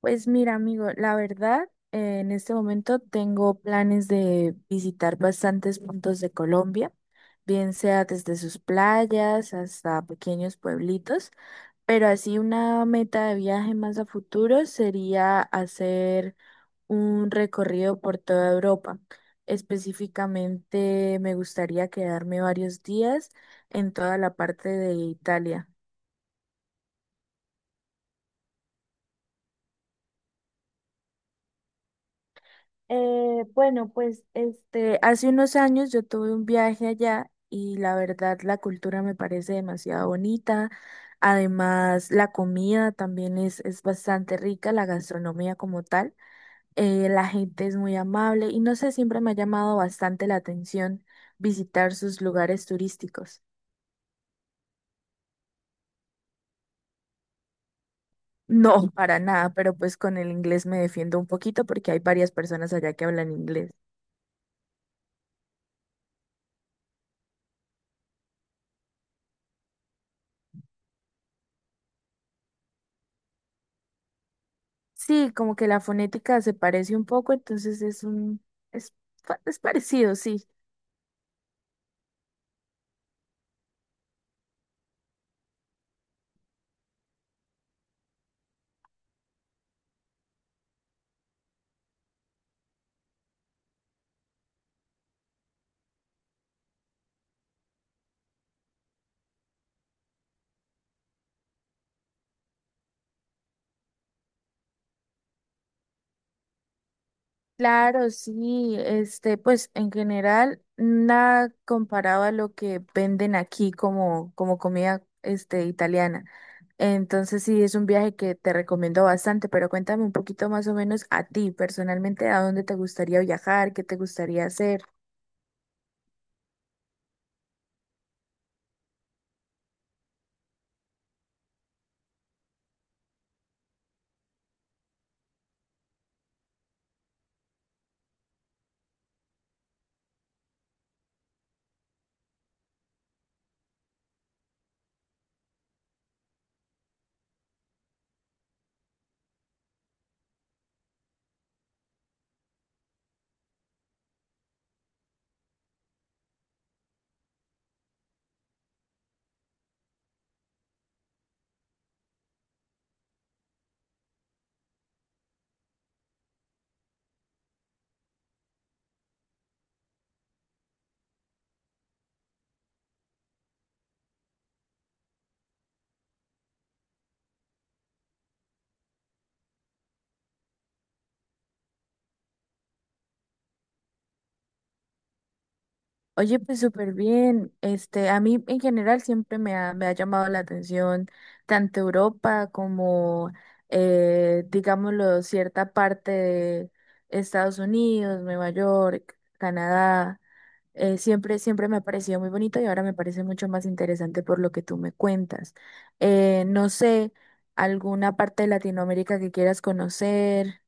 Pues mira, amigo, la verdad, en este momento tengo planes de visitar bastantes puntos de Colombia, bien sea desde sus playas hasta pequeños pueblitos, pero así una meta de viaje más a futuro sería hacer un recorrido por toda Europa. Específicamente me gustaría quedarme varios días en toda la parte de Italia. Bueno, pues este, hace unos años yo tuve un viaje allá y la verdad la cultura me parece demasiado bonita. Además, la comida también es bastante rica, la gastronomía como tal. La gente es muy amable y no sé, siempre me ha llamado bastante la atención visitar sus lugares turísticos. No, para nada, pero pues con el inglés me defiendo un poquito porque hay varias personas allá que hablan inglés. Sí, como que la fonética se parece un poco, entonces es un, es, pa- es parecido, sí. Claro, sí, este, pues en general, nada comparado a lo que venden aquí como comida, este, italiana. Entonces sí, es un viaje que te recomiendo bastante, pero cuéntame un poquito más o menos a ti personalmente, a dónde te gustaría viajar, qué te gustaría hacer. Oye, pues súper bien. Este, a mí en general siempre me ha llamado la atención tanto Europa como, digámoslo, cierta parte de Estados Unidos, Nueva York, Canadá. Siempre me ha parecido muy bonito y ahora me parece mucho más interesante por lo que tú me cuentas. No sé, alguna parte de Latinoamérica que quieras conocer.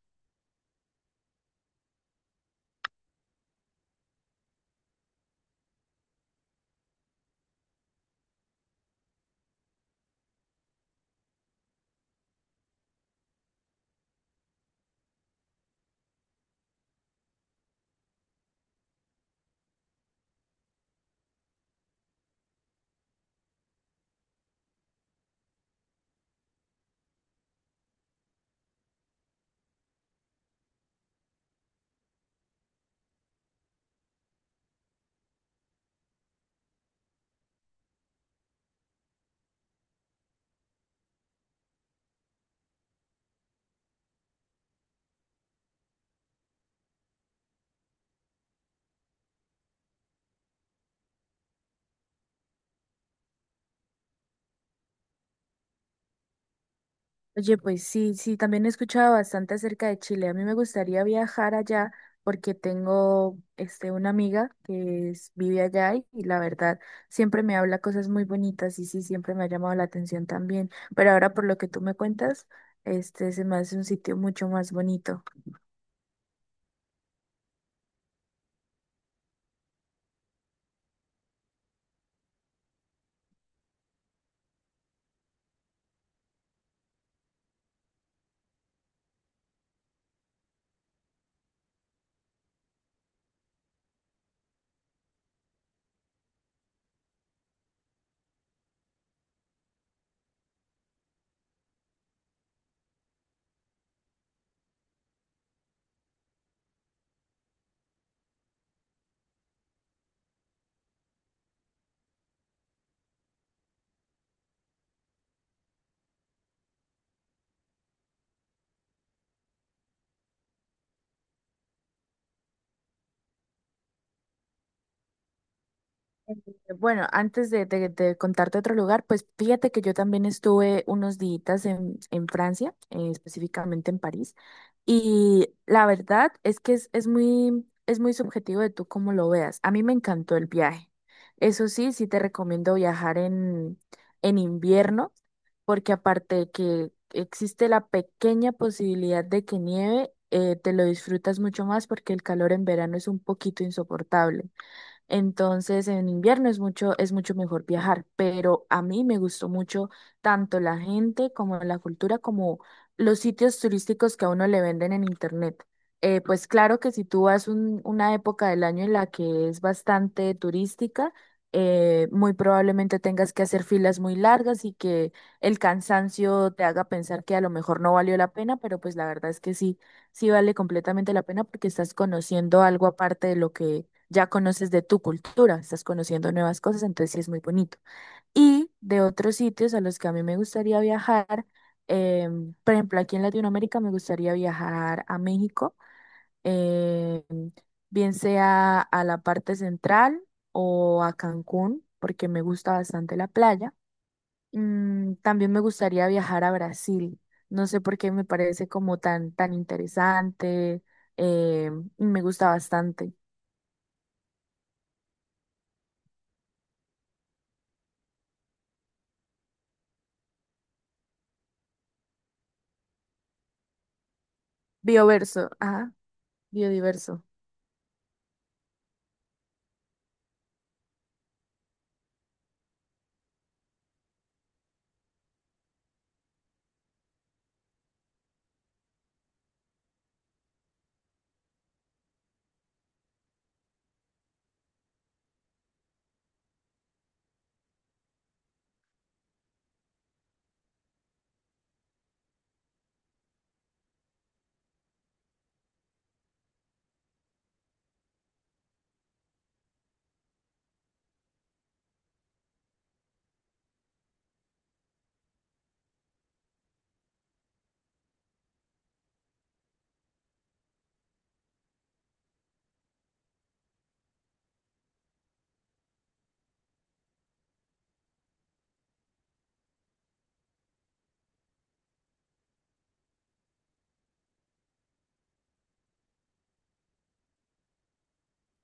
Oye, pues sí, sí, también he escuchado bastante acerca de Chile. A mí me gustaría viajar allá porque tengo este, una amiga vive allá y la verdad siempre me habla cosas muy bonitas y sí, siempre me ha llamado la atención también. Pero ahora por lo que tú me cuentas, este se me hace un sitio mucho más bonito. Bueno, de contarte otro lugar, pues fíjate que yo también estuve unos días en Francia, específicamente en París, y la verdad es que es muy subjetivo de tú cómo lo veas. A mí me encantó el viaje. Eso sí, sí te recomiendo viajar en invierno, porque aparte de que existe la pequeña posibilidad de que nieve, te lo disfrutas mucho más porque el calor en verano es un poquito insoportable. Entonces, en invierno es mucho mejor viajar, pero a mí me gustó mucho tanto la gente como la cultura, como los sitios turísticos que a uno le venden en internet. Pues claro que si tú vas una época del año en la que es bastante turística, muy probablemente tengas que hacer filas muy largas y que el cansancio te haga pensar que a lo mejor no valió la pena, pero pues la verdad es que sí, sí vale completamente la pena porque estás conociendo algo aparte de lo que ya conoces de tu cultura, estás conociendo nuevas cosas, entonces sí es muy bonito. Y de otros sitios a los que a mí me gustaría viajar, por ejemplo, aquí en Latinoamérica me gustaría viajar a México, em, bien sea a la parte central o a Cancún, porque me gusta bastante la playa. Mm, también me gustaría viajar a Brasil. No sé por qué me parece como tan, tan interesante, y me gusta bastante. Bioverso, ajá. Biodiverso.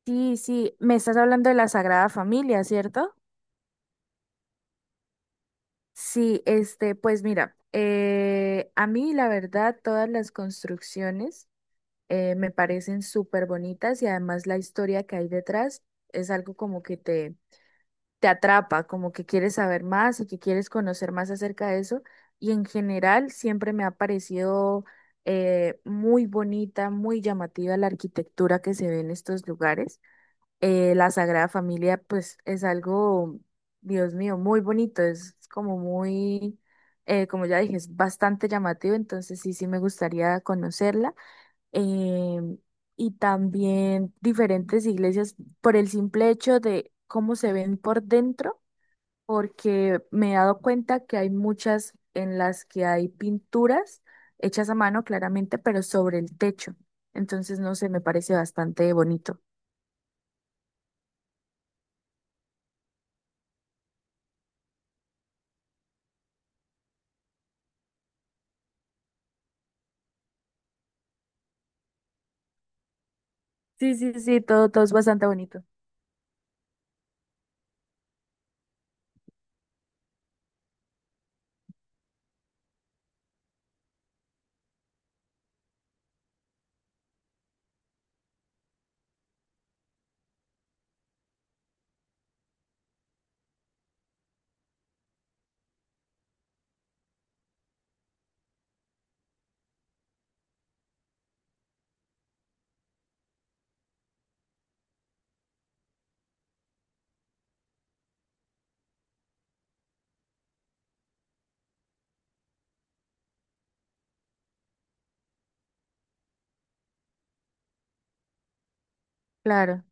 Sí, sí, me estás hablando de la Sagrada Familia, ¿cierto? Sí, este, pues mira, a mí la verdad todas las construcciones me parecen súper bonitas y además la historia que hay detrás es algo como que te atrapa, como que quieres saber más y que quieres conocer más acerca de eso. Y en general siempre me ha parecido muy bonita, muy llamativa la arquitectura que se ve en estos lugares. La Sagrada Familia, pues es algo, Dios mío, muy bonito, es como muy, como ya dije, es bastante llamativo, entonces sí, sí me gustaría conocerla. Em, y también diferentes iglesias por el simple hecho de cómo se ven por dentro, porque me he dado cuenta que hay muchas en las que hay pinturas hechas a mano, claramente, pero sobre el techo. Entonces, no sé, me parece bastante bonito. Sí, sí, sí, todo, todo es bastante bonito. Claro,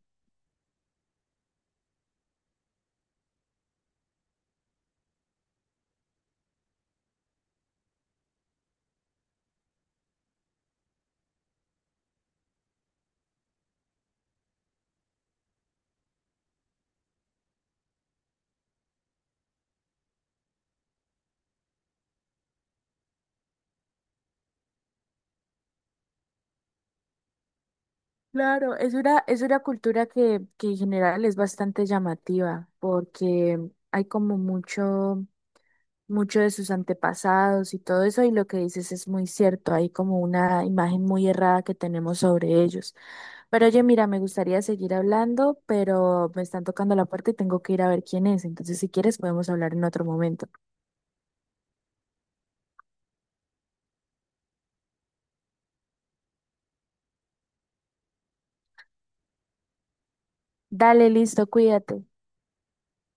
claro, es una cultura que en general es bastante llamativa porque hay como mucho de sus antepasados y todo eso y lo que dices es muy cierto, hay como una imagen muy errada que tenemos sobre ellos. Pero oye, mira, me gustaría seguir hablando, pero me están tocando la puerta y tengo que ir a ver quién es, entonces si quieres podemos hablar en otro momento. Dale, listo, cuídate.